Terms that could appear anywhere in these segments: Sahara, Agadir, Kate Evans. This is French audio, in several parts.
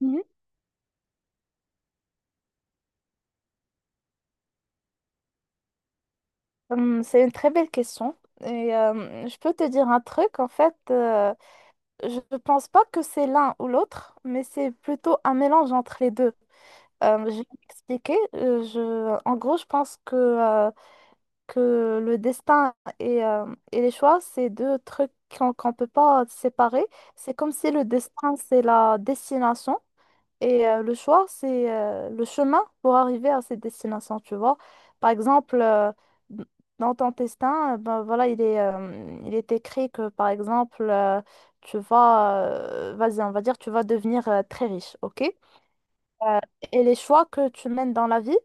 Mhm. C'est une très belle question. Je peux te dire un truc, en fait, je ne pense pas que c'est l'un ou l'autre, mais c'est plutôt un mélange entre les deux. Je vais m'expliquer. En gros, je pense que le destin et les choix, c'est deux trucs qu'on ne peut pas séparer. C'est comme si le destin, c'est la destination. Le choix, c'est le chemin pour arriver à cette destination, tu vois. Par exemple, d- dans ton destin, ben voilà, il est écrit que, par exemple, tu vas, vas-y, on va dire, tu vas devenir très riche, ok? Euh, et les choix que tu mènes dans la vie,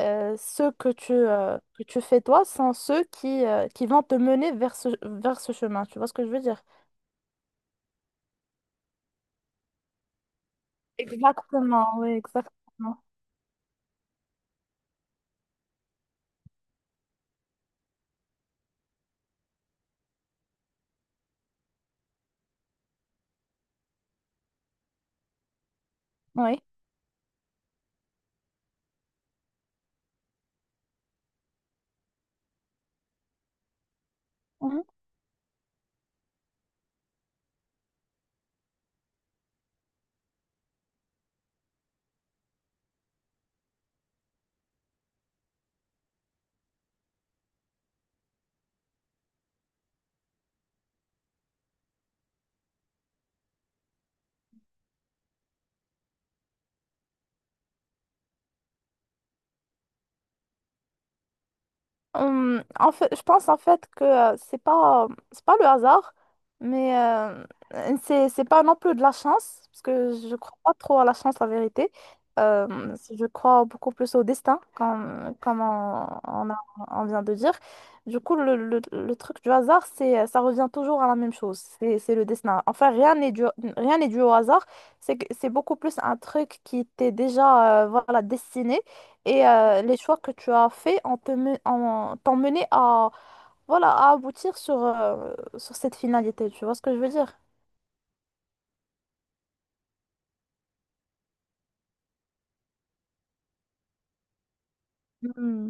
ceux que que tu fais toi, sont ceux qui vont te mener vers ce chemin, tu vois ce que je veux dire? Exactement, oui, exactement. Oui. En fait, je pense en fait que c'est pas le hasard, mais c'est pas non plus de la chance parce que je crois pas trop à la chance, la vérité. Euh, je crois beaucoup plus au destin, comme on vient de dire. Du coup, le truc du hasard, c'est ça revient toujours à la même chose. C'est le destin. Enfin, rien n'est dû au hasard. C'est beaucoup plus un truc qui était déjà voilà destiné. Les choix que tu as faits ont te men- ont- t'ont mené à, voilà, à aboutir sur, sur cette finalité. Tu vois ce que je veux dire? Hmm.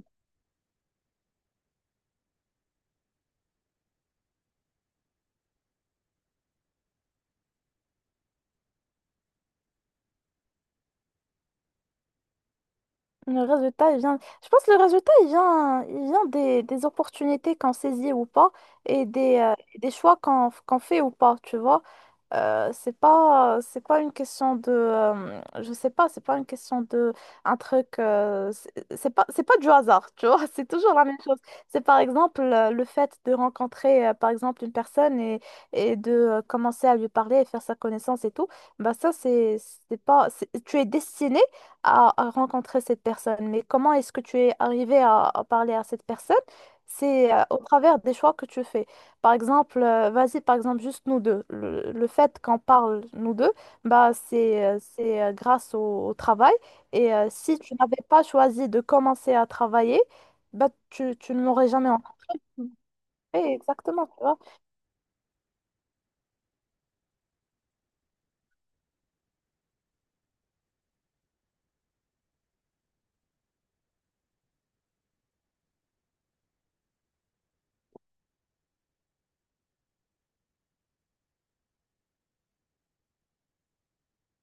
Le résultat, il vient... Je pense que le résultat, il vient des opportunités qu'on saisit ou pas et des choix qu'on fait ou pas, tu vois. C'est pas une question de je sais pas, c'est pas une question de un truc c'est pas du hasard, tu vois. C'est toujours la même chose. C'est par exemple le fait de rencontrer par exemple une personne et de commencer à lui parler et faire sa connaissance et tout. Bah ça, c'est pas c'est- tu es destiné à rencontrer cette personne, mais comment est-ce que tu es arrivé à parler à cette personne, c'est au travers des choix que tu fais. Par exemple, vas-y, par exemple, juste nous deux. Le fait qu'on parle nous deux, bah, c'est grâce au travail. Si tu n'avais pas choisi de commencer à travailler, bah, tu ne l'aurais jamais entendu. Exactement, tu vois.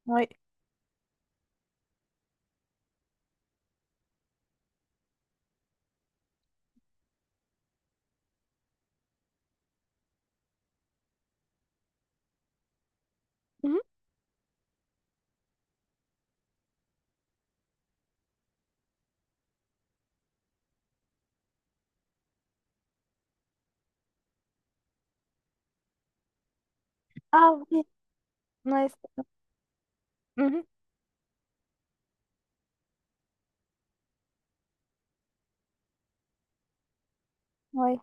Oui. Mhm. Ah oui, oui, c'est ça. Mhm. Oui.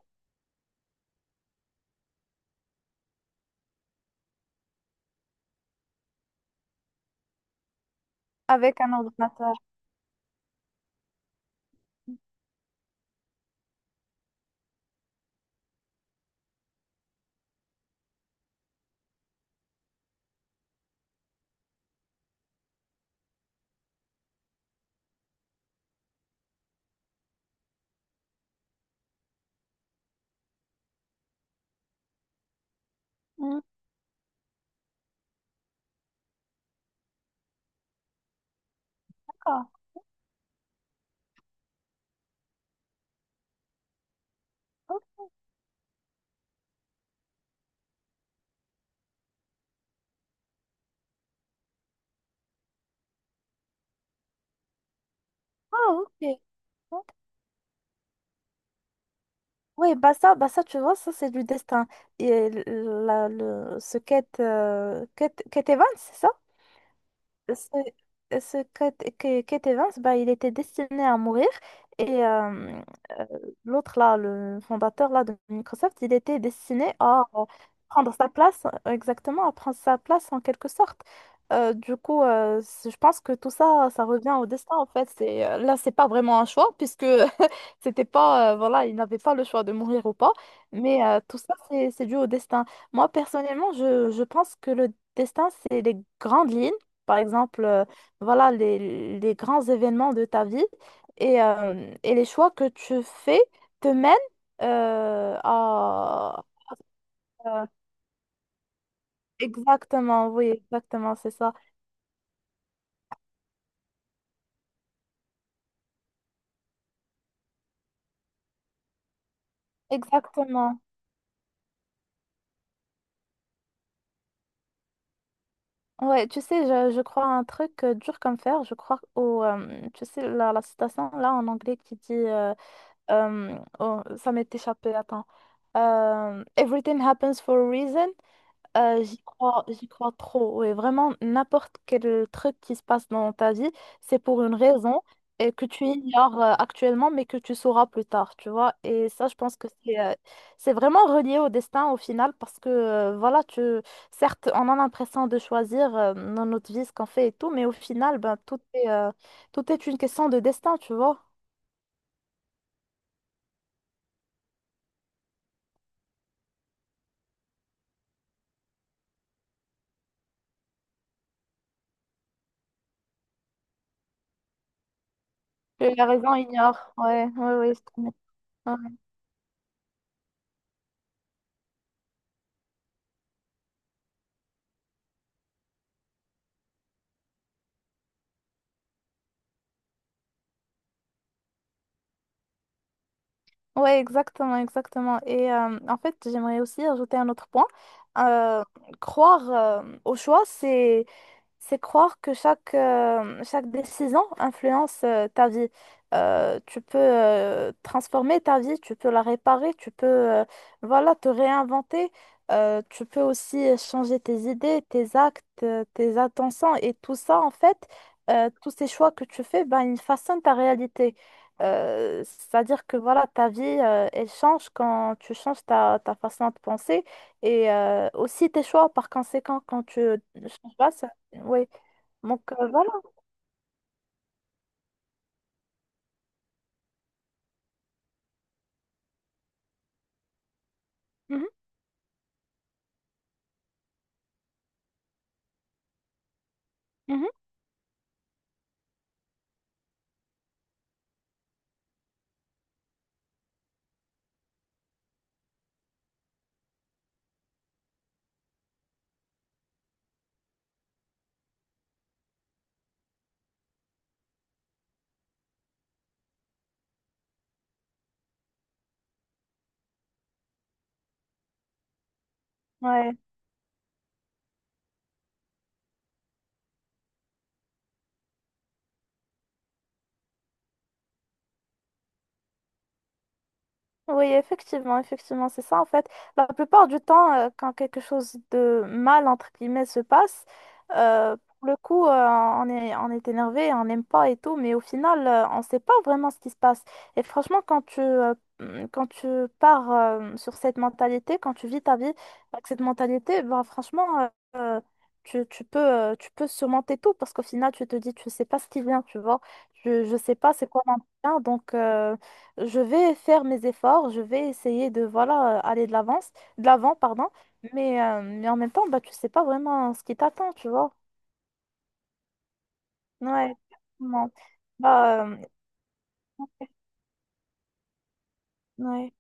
Avec un ordinateur. Mhm. D'accord. Oh. Ah, ok. Ok. Oui, bah ça, tu vois, ça, c'est du destin. Et ce Kate, Kate Evans, c'est ça? ce, ce Kate Evans, bah, il était destiné à mourir. Et euh, euh, L'autre, là, le fondateur là, de Microsoft, il était destiné à prendre sa place, exactement, à prendre sa place en quelque sorte. Je pense que tout ça, ça revient au destin, en fait. C'est, là, c'est pas vraiment un choix, puisque c'était pas, voilà, ils n'avaient pas le choix de mourir ou pas, mais tout ça, c'est dû au destin. Moi, personnellement, je pense que le destin, c'est les grandes lignes, par exemple, voilà, les grands événements de ta vie et les choix que tu fais te mènent euh, à... à- Exactement, oui, exactement, c'est ça. Exactement. Ouais, tu sais, je crois à un truc dur comme fer, je crois tu sais, la citation là en anglais qui dit... oh, ça m'est échappé, attends. Everything happens for a reason. J'y crois, j'y crois trop. Oui, vraiment, n'importe quel truc qui se passe dans ta vie, c'est pour une raison, et que tu ignores actuellement, mais que tu sauras plus tard, tu vois. Et ça, je pense que c'est vraiment relié au destin au final parce que, voilà, tu, certes, on a l'impression de choisir dans notre vie ce qu'on fait et tout, mais au final, ben, tout est une question de destin, tu vois. La raison ignore. Ouais, ouais, ouais, je te mets. Ouais. Ouais, exactement, exactement. En fait, j'aimerais aussi ajouter un autre point. Euh, Croire au choix, c'est croire que chaque, chaque décision influence ta vie. Tu peux transformer ta vie, tu peux la réparer, tu peux voilà, te réinventer. Tu peux aussi changer tes idées, tes actes, tes intentions et tout ça, en fait, tous ces choix que tu fais, ben, ils façonnent ta réalité. C'est-à-dire que voilà, ta vie, elle change quand tu changes ta façon de penser aussi tes choix par conséquent quand tu changes pas. Oui, voilà. Mhm, mhm. Ouais. Oui, effectivement, effectivement, c'est ça en fait. La plupart du temps, quand quelque chose de mal, entre guillemets, se passe, pour le coup, on est énervé, on n'aime pas et tout, mais au final, on ne sait pas vraiment ce qui se passe. Et franchement, quand quand tu pars sur cette mentalité, quand tu vis ta vie avec cette mentalité, bah, franchement, euh, tu peux surmonter tout parce qu'au final, tu te dis, tu ne sais pas ce qui vient, tu vois. Je ne sais pas c'est quoi mon bien, donc... je vais faire mes efforts, je vais essayer de voilà aller de l'avance, de l'avant, pardon, mais en même temps, bah tu sais pas vraiment ce qui t'attend, tu vois. Ouais, exactement. Bah euh, ouais,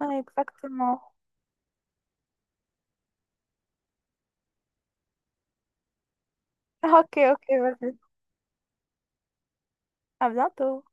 ouais, exactement. Ok, ok, vas-y. À bientôt.